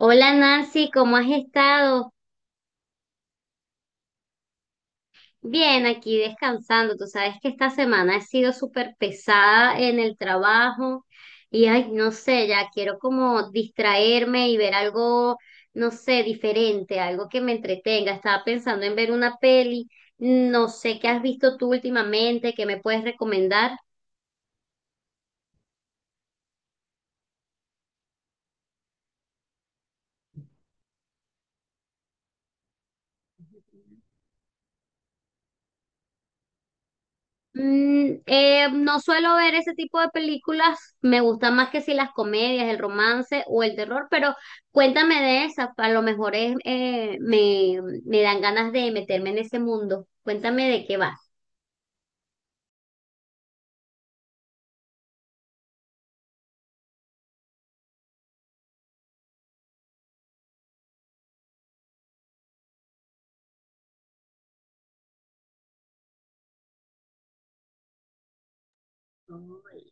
Hola Nancy, ¿cómo has estado? Bien, aquí descansando. Tú sabes que esta semana he sido súper pesada en el trabajo y ay, no sé, ya quiero como distraerme y ver algo, no sé, diferente, algo que me entretenga. Estaba pensando en ver una peli. No sé qué has visto tú últimamente, qué me puedes recomendar. Mm, no suelo ver ese tipo de películas, me gustan más que si las comedias, el romance o el terror, pero cuéntame de esas, a lo mejor es, me dan ganas de meterme en ese mundo. Cuéntame de qué va. Ay,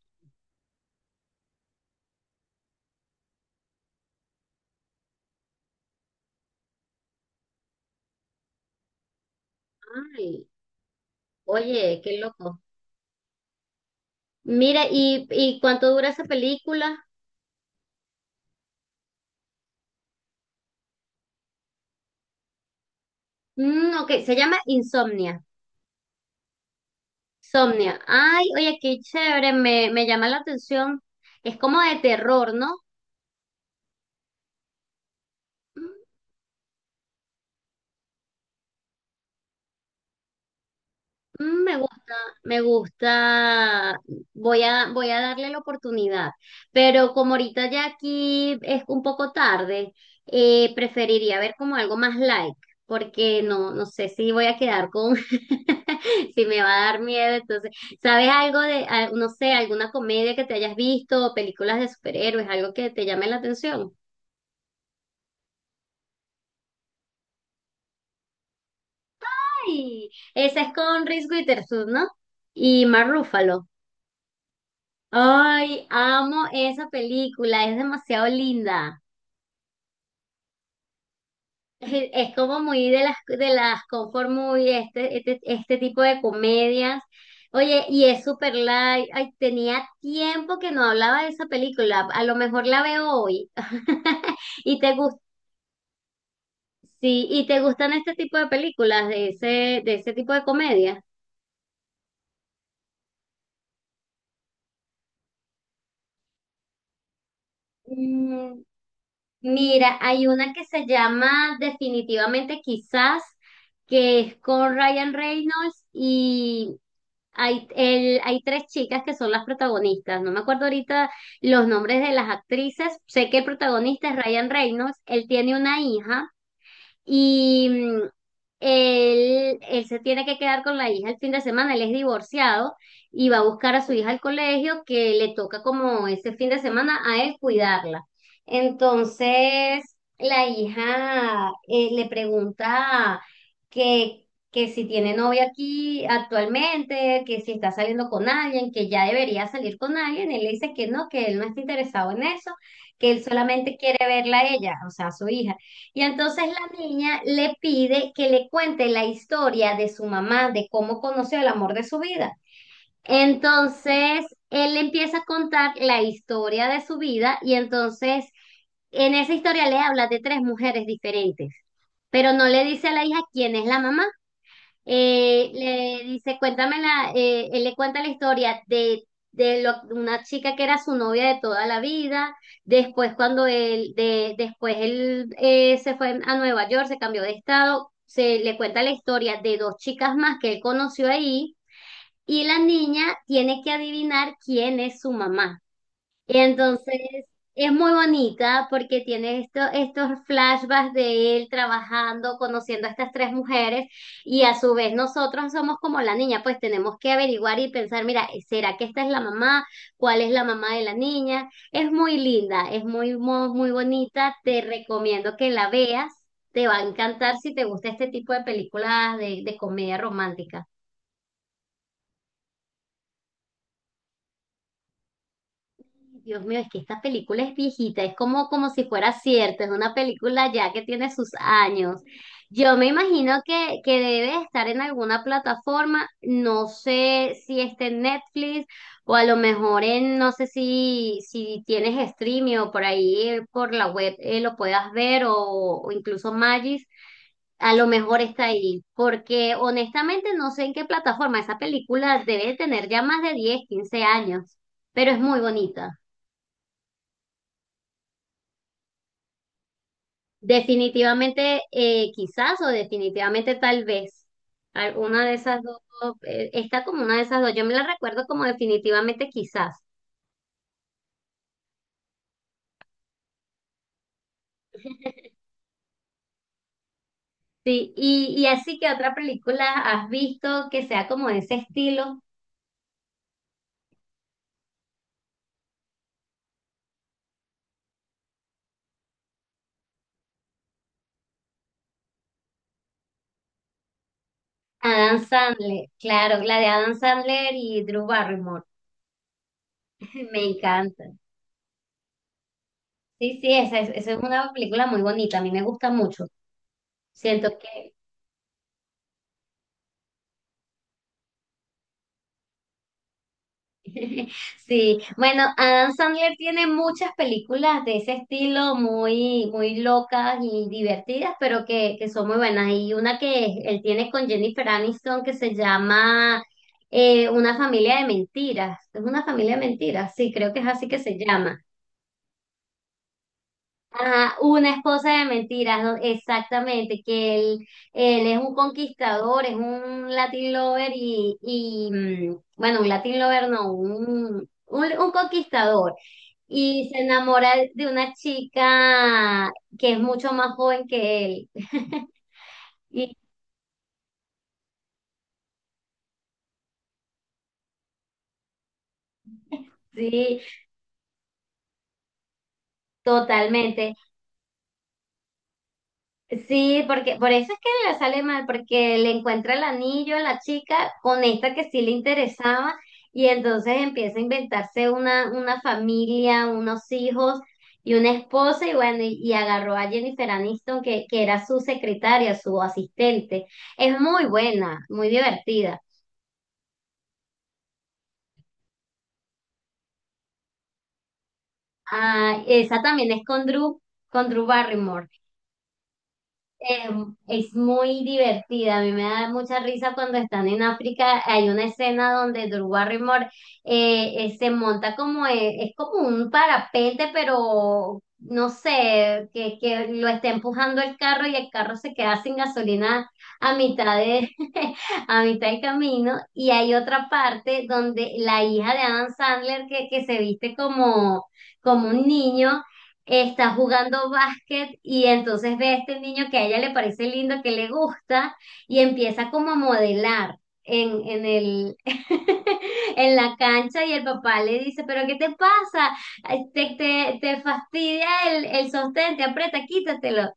ay, oye, qué loco. Mira, ¿y cuánto dura esa película? Mm, ok, se llama Insomnia. Insomnia. Ay, oye, qué chévere, me llama la atención. Es como de terror, ¿no? Mm, me gusta, me gusta, voy a darle la oportunidad, pero como ahorita ya aquí es un poco tarde, preferiría ver como algo más light porque no, no sé si voy a quedar con, si me va a dar miedo, entonces, ¿sabes algo de, no sé, alguna comedia que te hayas visto, o películas de superhéroes, algo que te llame la atención? Ay, esa es con Reese Witherspoon, ¿no? Y Mark Ruffalo. Ay, amo esa película, es demasiado linda. Es como muy de las comfort movie, este tipo de comedias. Oye, y es super light. Ay, tenía tiempo que no hablaba de esa película. A lo mejor la veo hoy. ¿Y te gus- sí, y te gustan este tipo de películas de ese tipo de comedia? Mira, hay una que se llama Definitivamente Quizás, que es con Ryan Reynolds y hay tres chicas que son las protagonistas. No me acuerdo ahorita los nombres de las actrices. Sé que el protagonista es Ryan Reynolds. Él tiene una hija y él se tiene que quedar con la hija el fin de semana, él es divorciado y va a buscar a su hija al colegio que le toca como ese fin de semana a él cuidarla. Entonces, la hija le pregunta que si tiene novia aquí actualmente, que si está saliendo con alguien, que ya debería salir con alguien. Él le dice que no, que él no está interesado en eso, que él solamente quiere verla a ella, o sea, a su hija. Y entonces la niña le pide que le cuente la historia de su mamá, de cómo conoció el amor de su vida. Entonces él le empieza a contar la historia de su vida y entonces en esa historia le habla de tres mujeres diferentes, pero no le dice a la hija quién es la mamá. Le dice, él le cuenta la historia de una chica que era su novia de toda la vida. Después, después él se fue a Nueva York, se cambió de estado, se le cuenta la historia de dos chicas más que él conoció ahí, y la niña tiene que adivinar quién es su mamá. Y entonces es muy bonita porque tiene estos flashbacks de él trabajando, conociendo a estas tres mujeres y a su vez nosotros somos como la niña, pues tenemos que averiguar y pensar, mira, ¿será que esta es la mamá? ¿Cuál es la mamá de la niña? Es muy linda, es muy, muy, muy bonita, te recomiendo que la veas, te va a encantar si te gusta este tipo de películas de comedia romántica. Dios mío, es que esta película es viejita, es como, como si fuera cierta, es una película ya que tiene sus años. Yo me imagino que debe estar en alguna plataforma, no sé si está en Netflix o a lo mejor en, no sé si tienes streaming o por ahí por la web lo puedas ver o incluso Magis, a lo mejor está ahí, porque honestamente no sé en qué plataforma, esa película debe tener ya más de 10 15 años, pero es muy bonita. Definitivamente, quizás o definitivamente tal vez. Una de esas dos, está como una de esas dos. Yo me la recuerdo como definitivamente quizás. Sí, y así que otra película has visto que sea como de ese estilo. Adam Sandler, claro, la de Adam Sandler y Drew Barrymore. Me encanta. Sí, sí, esa es una película muy bonita, a mí me gusta mucho. Siento que Sí, bueno, Adam Sandler tiene muchas películas de ese estilo muy, muy locas y divertidas, pero que son muy buenas. Y una que él tiene con Jennifer Aniston que se llama Una familia de mentiras. Es una familia de mentiras, sí, creo que es así que se llama. Ajá, una esposa de mentiras, ¿no? Exactamente, que él es un conquistador, es un Latin lover y bueno, un Latin lover no, un conquistador. Y se enamora de una chica que es mucho más joven que él. Y sí, totalmente. Sí, porque por eso es que le sale mal, porque le encuentra el anillo a la chica con esta que sí le interesaba y entonces empieza a inventarse una familia, unos hijos y una esposa y bueno, y agarró a Jennifer Aniston que era su secretaria, su asistente. Es muy buena, muy divertida. Ah, esa también es con Drew Barrymore. Eh, es muy divertida, a mí me da mucha risa cuando están en África, hay una escena donde Drew Barrymore se monta es como un parapente, pero no sé, que lo está empujando el carro y el carro se queda sin gasolina a mitad de, a mitad del camino, y hay otra parte donde la hija de Adam Sandler que se viste como un niño está jugando básquet y entonces ve a este niño que a ella le parece lindo, que le gusta y empieza como a modelar en, en el, en la cancha y el papá le dice, pero ¿qué te pasa? Ay, te fastidia el sostén, te aprieta, quítatelo.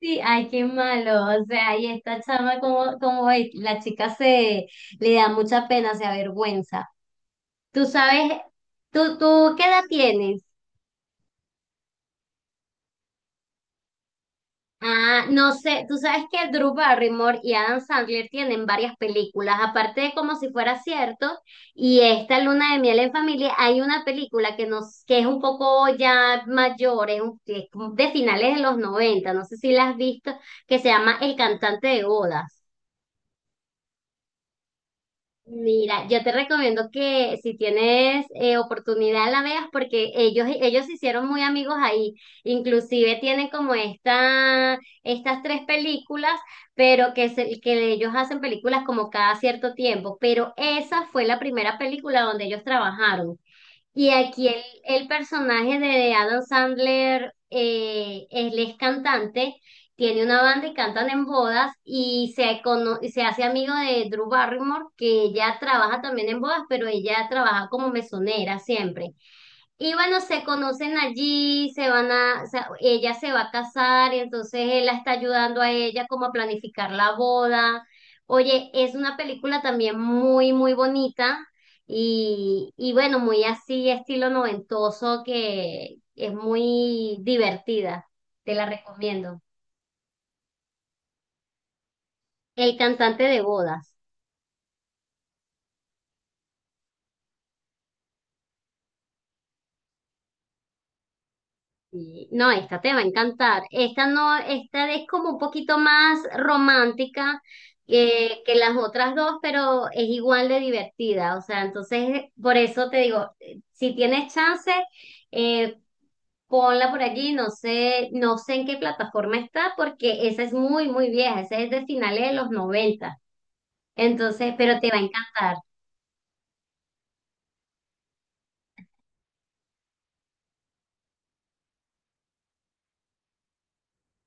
Sí, ay, qué malo. O sea, y esta chama como, como es, la chica se le da mucha pena, se avergüenza. Tú sabes, tú, ¿qué edad tienes? Ah, no sé, tú sabes que Drew Barrymore y Adam Sandler tienen varias películas, aparte de Como si fuera cierto, y esta Luna de miel en familia, hay una película que es un poco ya mayor, es de finales de los 90. No sé si la has visto, que se llama El cantante de bodas. Mira, yo te recomiendo que si tienes oportunidad la veas porque ellos se hicieron muy amigos ahí. Inclusive tienen como estas tres películas, pero que ellos hacen películas como cada cierto tiempo. Pero esa fue la primera película donde ellos trabajaron. Y aquí el personaje de Adam Sandler, él es cantante, tiene una banda y cantan en bodas y y se hace amigo de Drew Barrymore, que ella trabaja también en bodas, pero ella trabaja como mesonera siempre. Y bueno, se conocen allí, o sea, ella se va a casar, y entonces él la está ayudando a ella como a planificar la boda. Oye, es una película también muy, muy bonita y bueno, muy así, estilo noventoso, que es muy divertida. Te la recomiendo. El cantante de bodas. Y, no, esta te va a encantar. Esta no, esta es como un poquito más romántica que las otras dos, pero es igual de divertida. O sea, entonces, por eso te digo, si tienes chance, eh, ponla por allí. No sé, no sé en qué plataforma está, porque esa es muy, muy vieja. Esa es de finales de los 90. Entonces, pero te va a encantar.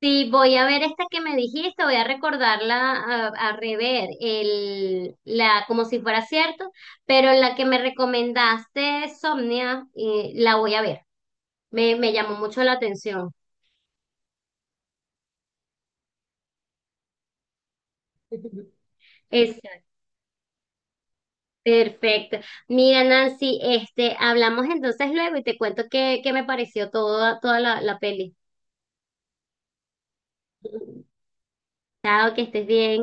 Sí, voy a ver esta que me dijiste, voy a recordarla, a rever como si fuera cierto, pero la que me recomendaste, Somnia, la voy a ver. Me llamó mucho la atención. Exacto. Perfecto. Mira, Nancy, hablamos entonces luego y te cuento qué me pareció toda la peli. Chao, que estés bien.